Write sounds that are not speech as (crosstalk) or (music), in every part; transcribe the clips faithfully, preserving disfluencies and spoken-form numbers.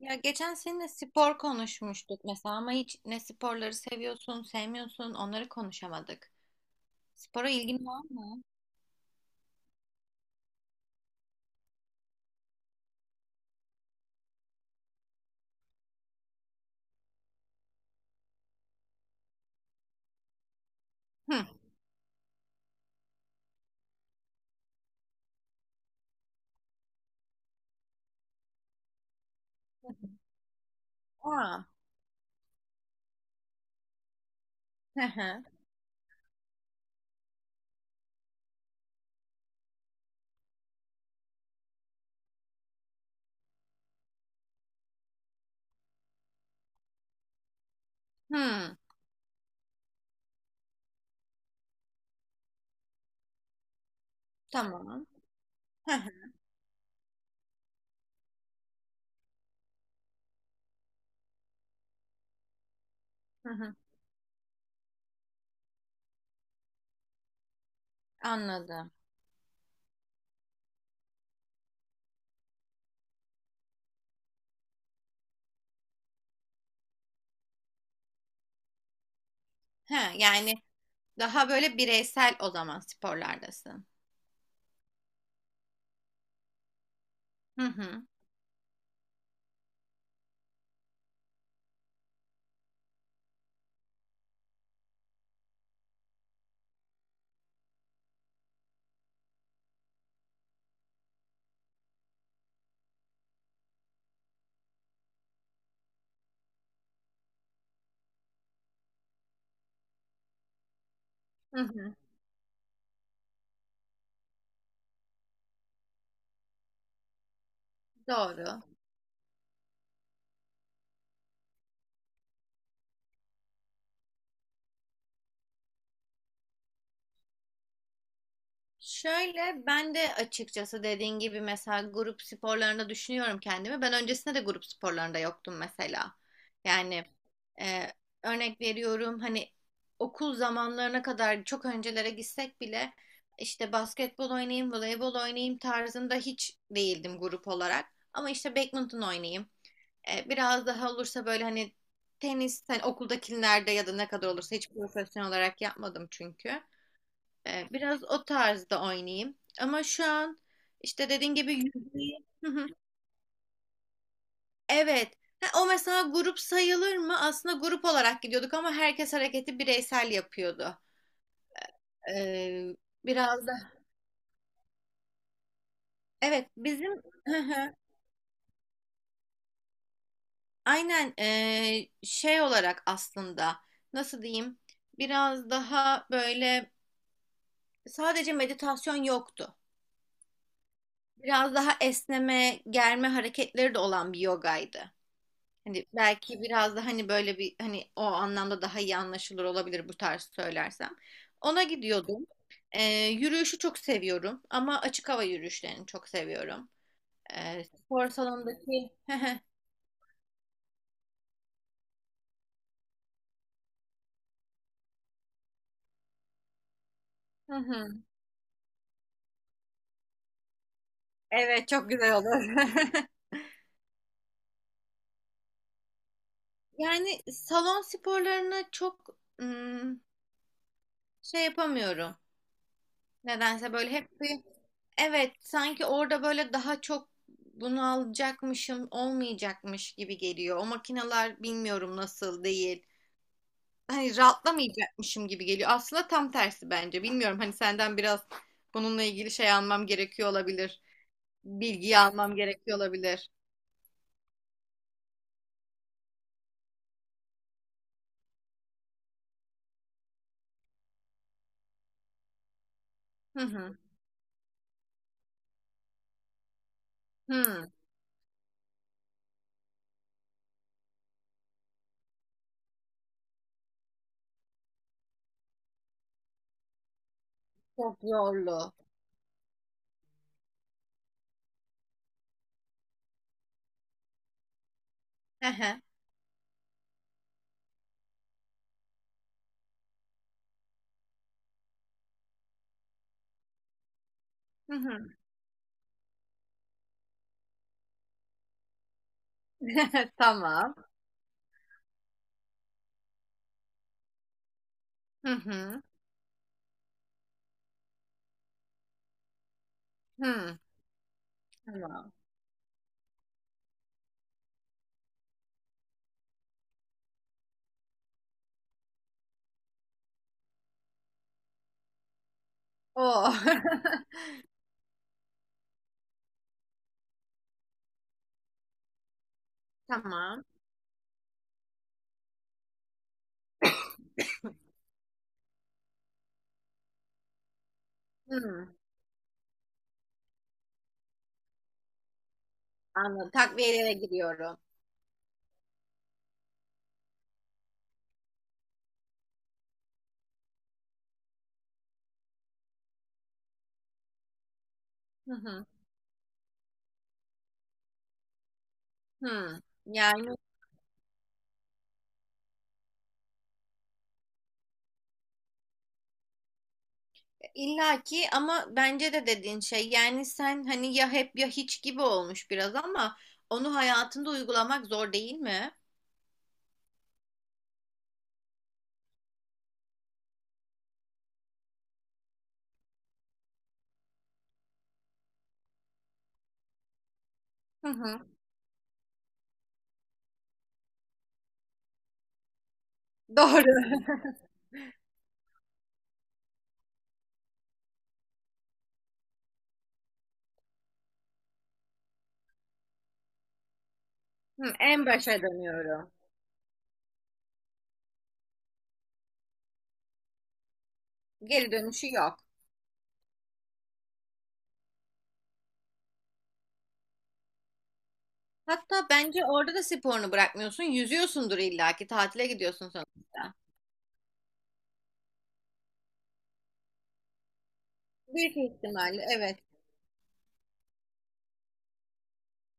Ya geçen seninle spor konuşmuştuk mesela ama hiç ne sporları seviyorsun, sevmiyorsun onları konuşamadık. Spora ilgin var mı? Hı. Aa. Hı hı. Hı. Tamam. Hı hı. Hı hı. Anladım. He, yani daha böyle bireysel o zaman sporlardasın. Hı hı. Hı hı. Doğru. Şöyle ben de açıkçası dediğin gibi mesela grup sporlarında düşünüyorum kendimi. Ben öncesinde de grup sporlarında yoktum mesela. Yani e, örnek veriyorum hani okul zamanlarına kadar çok öncelere gitsek bile işte basketbol oynayayım, voleybol oynayayım tarzında hiç değildim grup olarak. Ama işte badminton oynayayım. E, biraz daha olursa böyle hani tenis hani okuldakilerde ya da ne kadar olursa hiç profesyonel olarak yapmadım çünkü. Ee, biraz o tarzda oynayayım. Ama şu an işte dediğin gibi yüzmeyi... Hı hı. Evet. Ha, o mesela grup sayılır mı? Aslında grup olarak gidiyorduk ama herkes hareketi bireysel yapıyordu. Ee, Biraz da... Evet bizim... Hı hı. Aynen ee, şey olarak aslında nasıl diyeyim? Biraz daha böyle sadece meditasyon yoktu. Biraz daha esneme, germe hareketleri de olan bir yogaydı. Hani belki biraz da hani böyle bir hani o anlamda daha iyi anlaşılır olabilir bu tarz söylersem. Ona gidiyordum. Ee, yürüyüşü çok seviyorum ama açık hava yürüyüşlerini çok seviyorum. Ee, spor salonundaki (laughs) Hı hı. Evet çok güzel olur. (laughs) Yani salon sporlarını çok ım, şey yapamıyorum. Nedense böyle hep bir evet, sanki orada böyle daha çok bunu alacakmışım olmayacakmış gibi geliyor. O makineler bilmiyorum nasıl değil. Hani rahatlamayacakmışım gibi geliyor. Aslında tam tersi bence. Bilmiyorum hani senden biraz bununla ilgili şey almam gerekiyor olabilir. Bilgiyi almam gerekiyor olabilir. Hı hı. Hı. Çok zorlu. Hı hı. Hı hı. (laughs) Tamam. Hı hı. Hı. Tamam. O. (laughs) Tamam. Hı. Anladım. Takviyelere giriyorum. Hı hı. Hı. Yani illaki ama bence de dediğin şey yani sen hani ya hep ya hiç gibi olmuş biraz ama onu hayatında uygulamak zor değil mi? Hı hı. Doğru. Hı, en başa dönüyorum. Geri dönüşü yok. Hatta bence orada da sporunu bırakmıyorsun. Yüzüyorsundur illaki. Tatile gidiyorsun sonuçta. Büyük ihtimalle evet.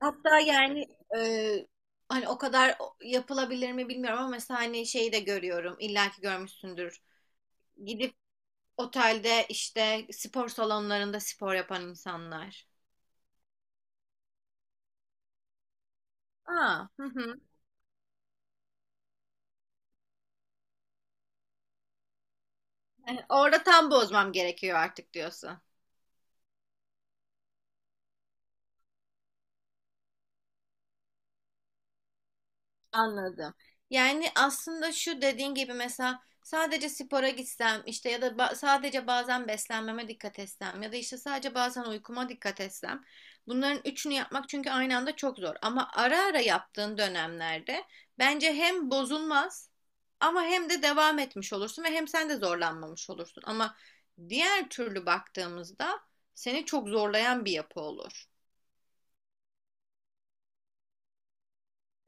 Hatta yani e, hani o kadar o- yapılabilir mi bilmiyorum ama mesela hani şeyi de görüyorum. İlla ki görmüşsündür. Gidip otelde işte spor salonlarında spor yapan insanlar. Aa, hı hı. E, orada tam bozmam gerekiyor artık diyorsun. Anladım. Yani aslında şu dediğin gibi mesela sadece spora gitsem işte ya da ba- sadece bazen beslenmeme dikkat etsem ya da işte sadece bazen uykuma dikkat etsem bunların üçünü yapmak çünkü aynı anda çok zor, ama ara ara yaptığın dönemlerde bence hem bozulmaz ama hem de devam etmiş olursun ve hem sen de zorlanmamış olursun, ama diğer türlü baktığımızda seni çok zorlayan bir yapı olur.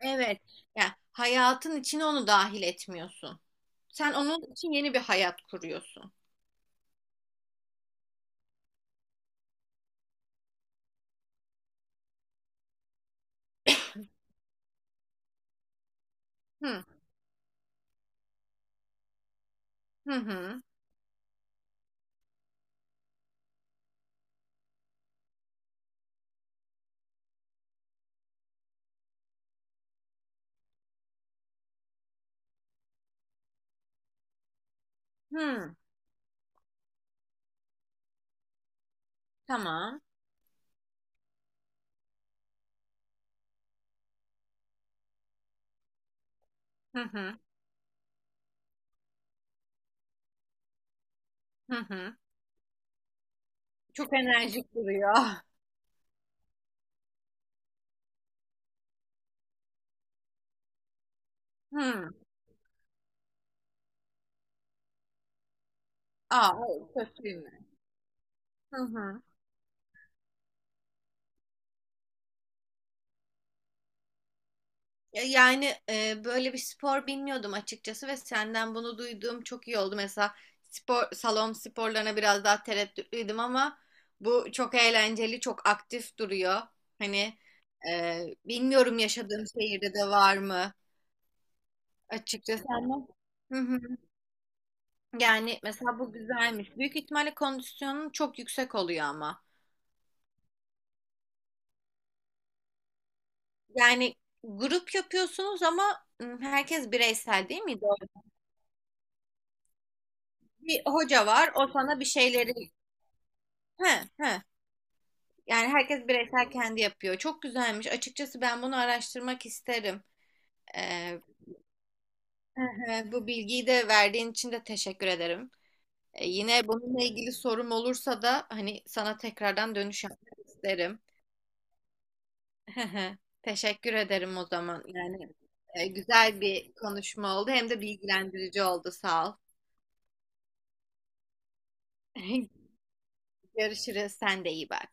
Evet. Yani hayatın içine onu dahil etmiyorsun. Sen onun için yeni bir hayat kuruyorsun. Hı hı hı. Hı. Tamam. Hı hı. Hı hı. Çok enerjik duruyor. Hı. Aa, o kötüymüş. Hı hı. Ya- Yani e, böyle bir spor bilmiyordum açıkçası ve senden bunu duyduğum çok iyi oldu. Mesela spor salon sporlarına biraz daha tereddütlüydüm ama bu çok eğlenceli, çok aktif duruyor. Hani e, bilmiyorum yaşadığım şehirde de var mı açıkçası ama. Hı hı. Yani mesela bu güzelmiş. Büyük ihtimalle kondisyonun çok yüksek oluyor ama. Yani grup yapıyorsunuz ama ım, herkes bireysel değil mi? Doğru. Bir hoca var, o sana bir şeyleri... He, he. Yani herkes bireysel kendi yapıyor. Çok güzelmiş. Açıkçası ben bunu araştırmak isterim. Ee, hı hı, bu bilgiyi de verdiğin için de teşekkür ederim. Ee, yine bununla ilgili sorum olursa da hani sana tekrardan dönüş yapmak isterim. Hı hı. Teşekkür ederim o zaman. Yani e, güzel bir konuşma oldu hem de bilgilendirici oldu. Sağ ol. (laughs) Görüşürüz. Sen de iyi bak.